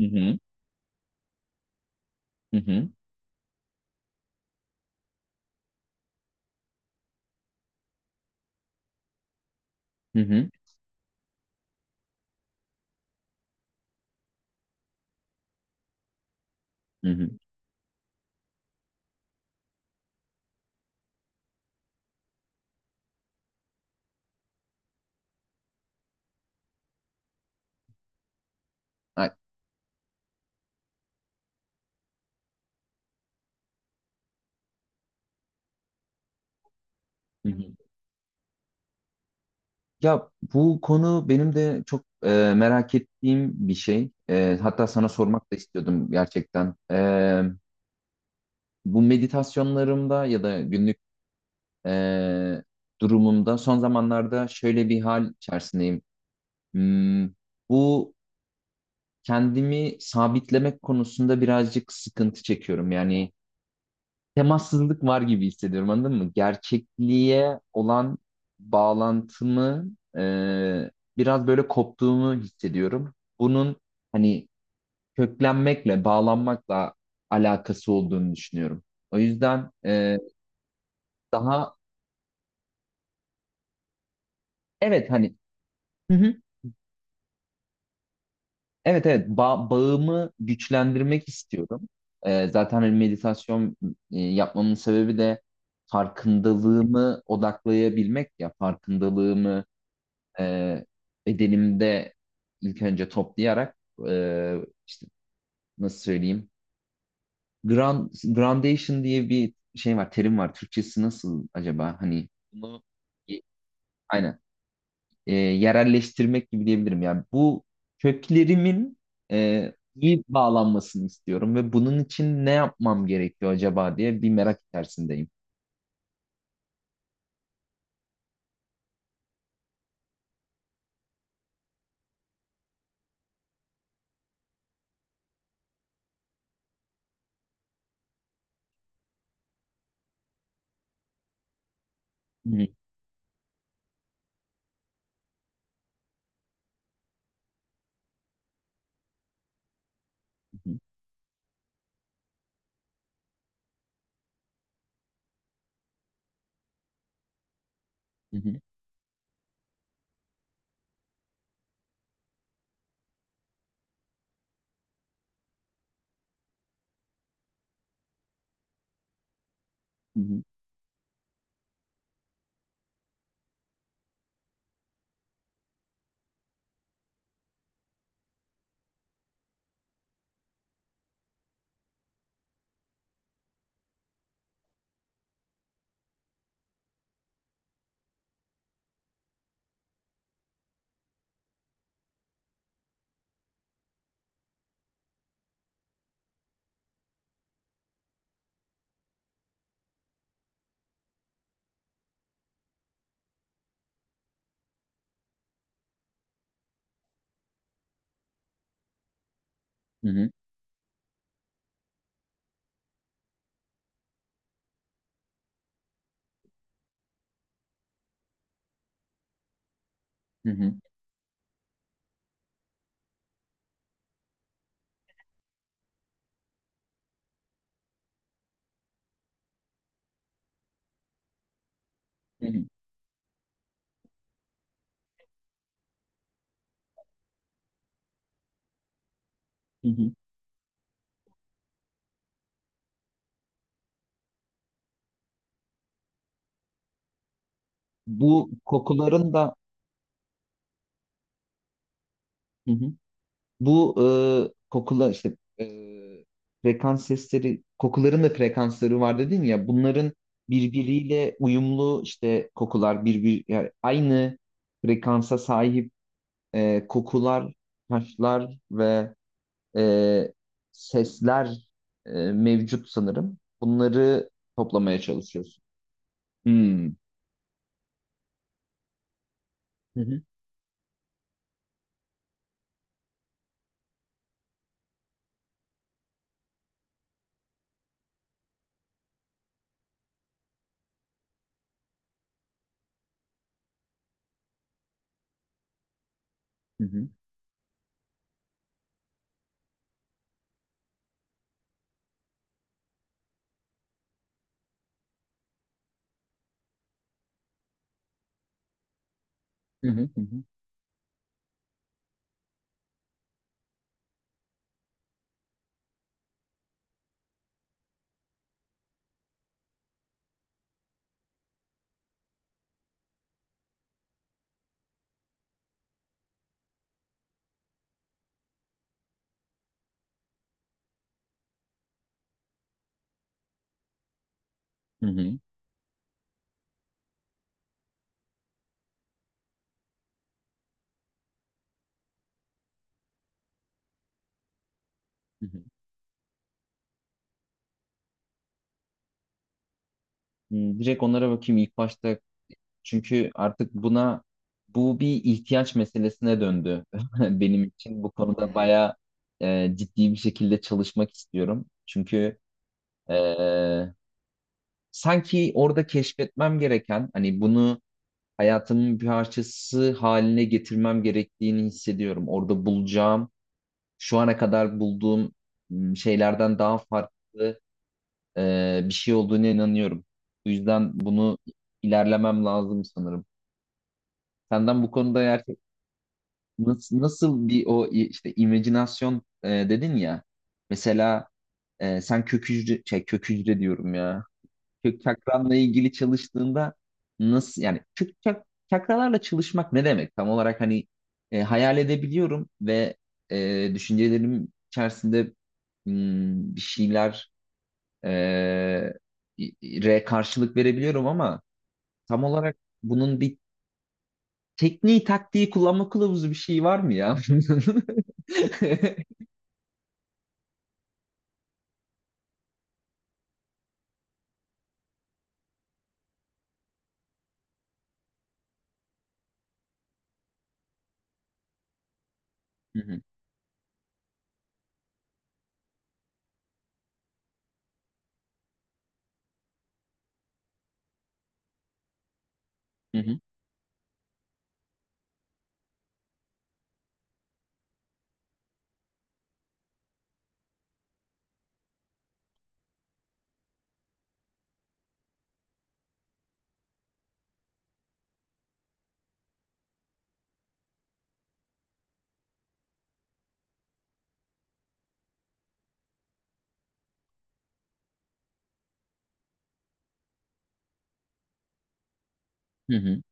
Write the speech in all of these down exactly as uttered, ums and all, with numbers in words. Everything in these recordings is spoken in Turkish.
Hı hı. Hı hı. Hı hı. Hı hı. Ay, hı hı. Ya bu konu benim de çok e, merak ettiğim bir şey. E, hatta sana sormak da istiyordum gerçekten. E, bu meditasyonlarımda ya da günlük e, durumumda son zamanlarda şöyle bir hal içerisindeyim. Hmm, Bu kendimi sabitlemek konusunda birazcık sıkıntı çekiyorum. Yani temassızlık var gibi hissediyorum, anladın mı? Gerçekliğe olan bağlantımı e, biraz böyle koptuğumu hissediyorum. Bunun hani köklenmekle, bağlanmakla alakası olduğunu düşünüyorum. O yüzden e, daha evet, hani hı hı, evet evet, ba- bağımı güçlendirmek istiyorum. E, zaten hani meditasyon e, yapmamın sebebi de farkındalığımı odaklayabilmek, ya farkındalığımı e, bedenimde ilk önce toplayarak e, işte, nasıl söyleyeyim, grand, gradation diye bir şey var, terim var, Türkçesi nasıl acaba, hani bunu y- aynen. E, yerelleştirmek gibi diyebilirim yani bu köklerimin e, iyi bağlanmasını istiyorum ve bunun için ne yapmam gerekiyor acaba diye bir merak içerisindeyim. Hı hı, hı hı, hı hı, hı hı, hı hı, hı hı, hı hı. Bu kokuların da. Bu e, Kokular işte, e, frekans sesleri, kokuların da frekansları var dedin ya. Bunların birbiriyle uyumlu, işte kokular birbir yani aynı frekansa sahip e, kokular, taşlar ve e, sesler e, mevcut sanırım. Bunları toplamaya çalışıyorsun. Hmm. Hı hı, hı hı, hı hı, hı hı, hı hı, hı hı. Hmm, Direkt onlara bakayım ilk başta. Çünkü artık buna, bu bir ihtiyaç meselesine döndü benim için. Bu konuda hı. bayağı e, ciddi bir şekilde çalışmak istiyorum. Çünkü e, sanki orada keşfetmem gereken, hani bunu hayatımın bir parçası haline getirmem gerektiğini hissediyorum. Orada bulacağım, şu ana kadar bulduğum m, şeylerden daha farklı e, bir şey olduğuna inanıyorum. Bu yüzden bunu ilerlemem lazım sanırım. Senden bu konuda, eğer. Nasıl, nasıl bir, o i- işte imajinasyon e, dedin ya. Mesela e, sen kök hücre, şey, kök hücre diyorum ya. Kök çakranla ilgili çalıştığında nasıl, yani kök çak, çakralarla çalışmak ne demek? Tam olarak hani e, hayal edebiliyorum ve e, düşüncelerim içerisinde hmm, bir şeyler e, re karşılık verebiliyorum ama tam olarak bunun bir tekniği, taktiği, kullanma kılavuzu bir şey var mı ya? Hı hı, hı hı, hı hı.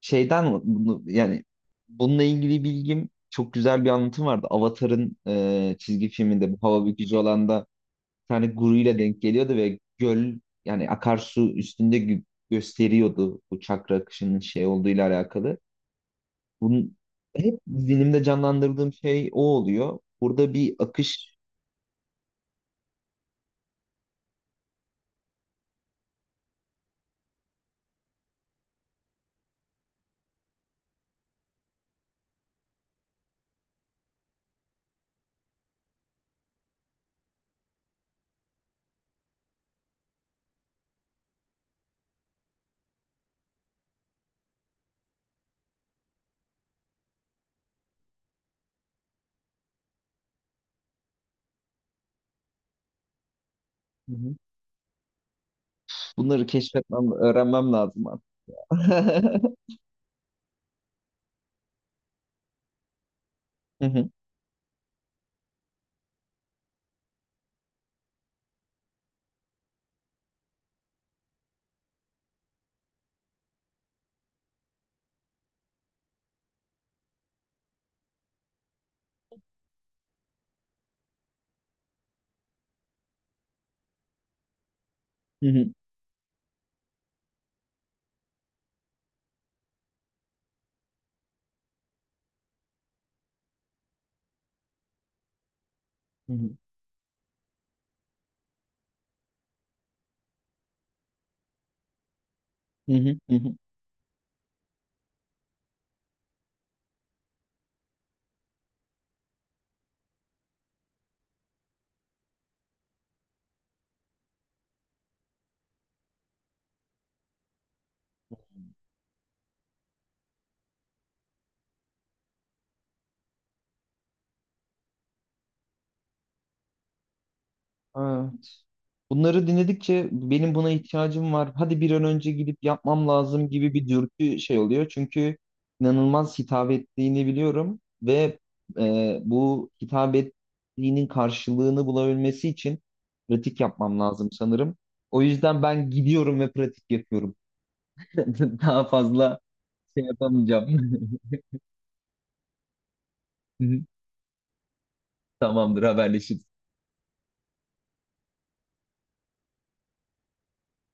Şeyden bunu yani Bununla ilgili bilgim, çok güzel bir anlatım vardı. Avatar'ın e, çizgi filminde bu hava bükücü olan da bir tane guruyla denk geliyordu ve göl, yani akarsu üstünde gö- gösteriyordu bu çakra akışının şey olduğuyla alakalı. Bunun hep zihnimde canlandırdığım şey o oluyor. Burada bir akış. Hı hı. Bunları keşfetmem, öğrenmem lazım. Hı hı, hı hı, hı hı, hı hı, hı hı. Evet. Bunları dinledikçe benim buna ihtiyacım var. Hadi bir an önce gidip yapmam lazım gibi bir dürtü şey oluyor. Çünkü inanılmaz hitap ettiğini biliyorum ve e, bu hitap ettiğinin karşılığını bulabilmesi için pratik yapmam lazım sanırım. O yüzden ben gidiyorum ve pratik yapıyorum. Daha fazla şey yapamayacağım. Hı hı. Tamamdır, haberleşiriz.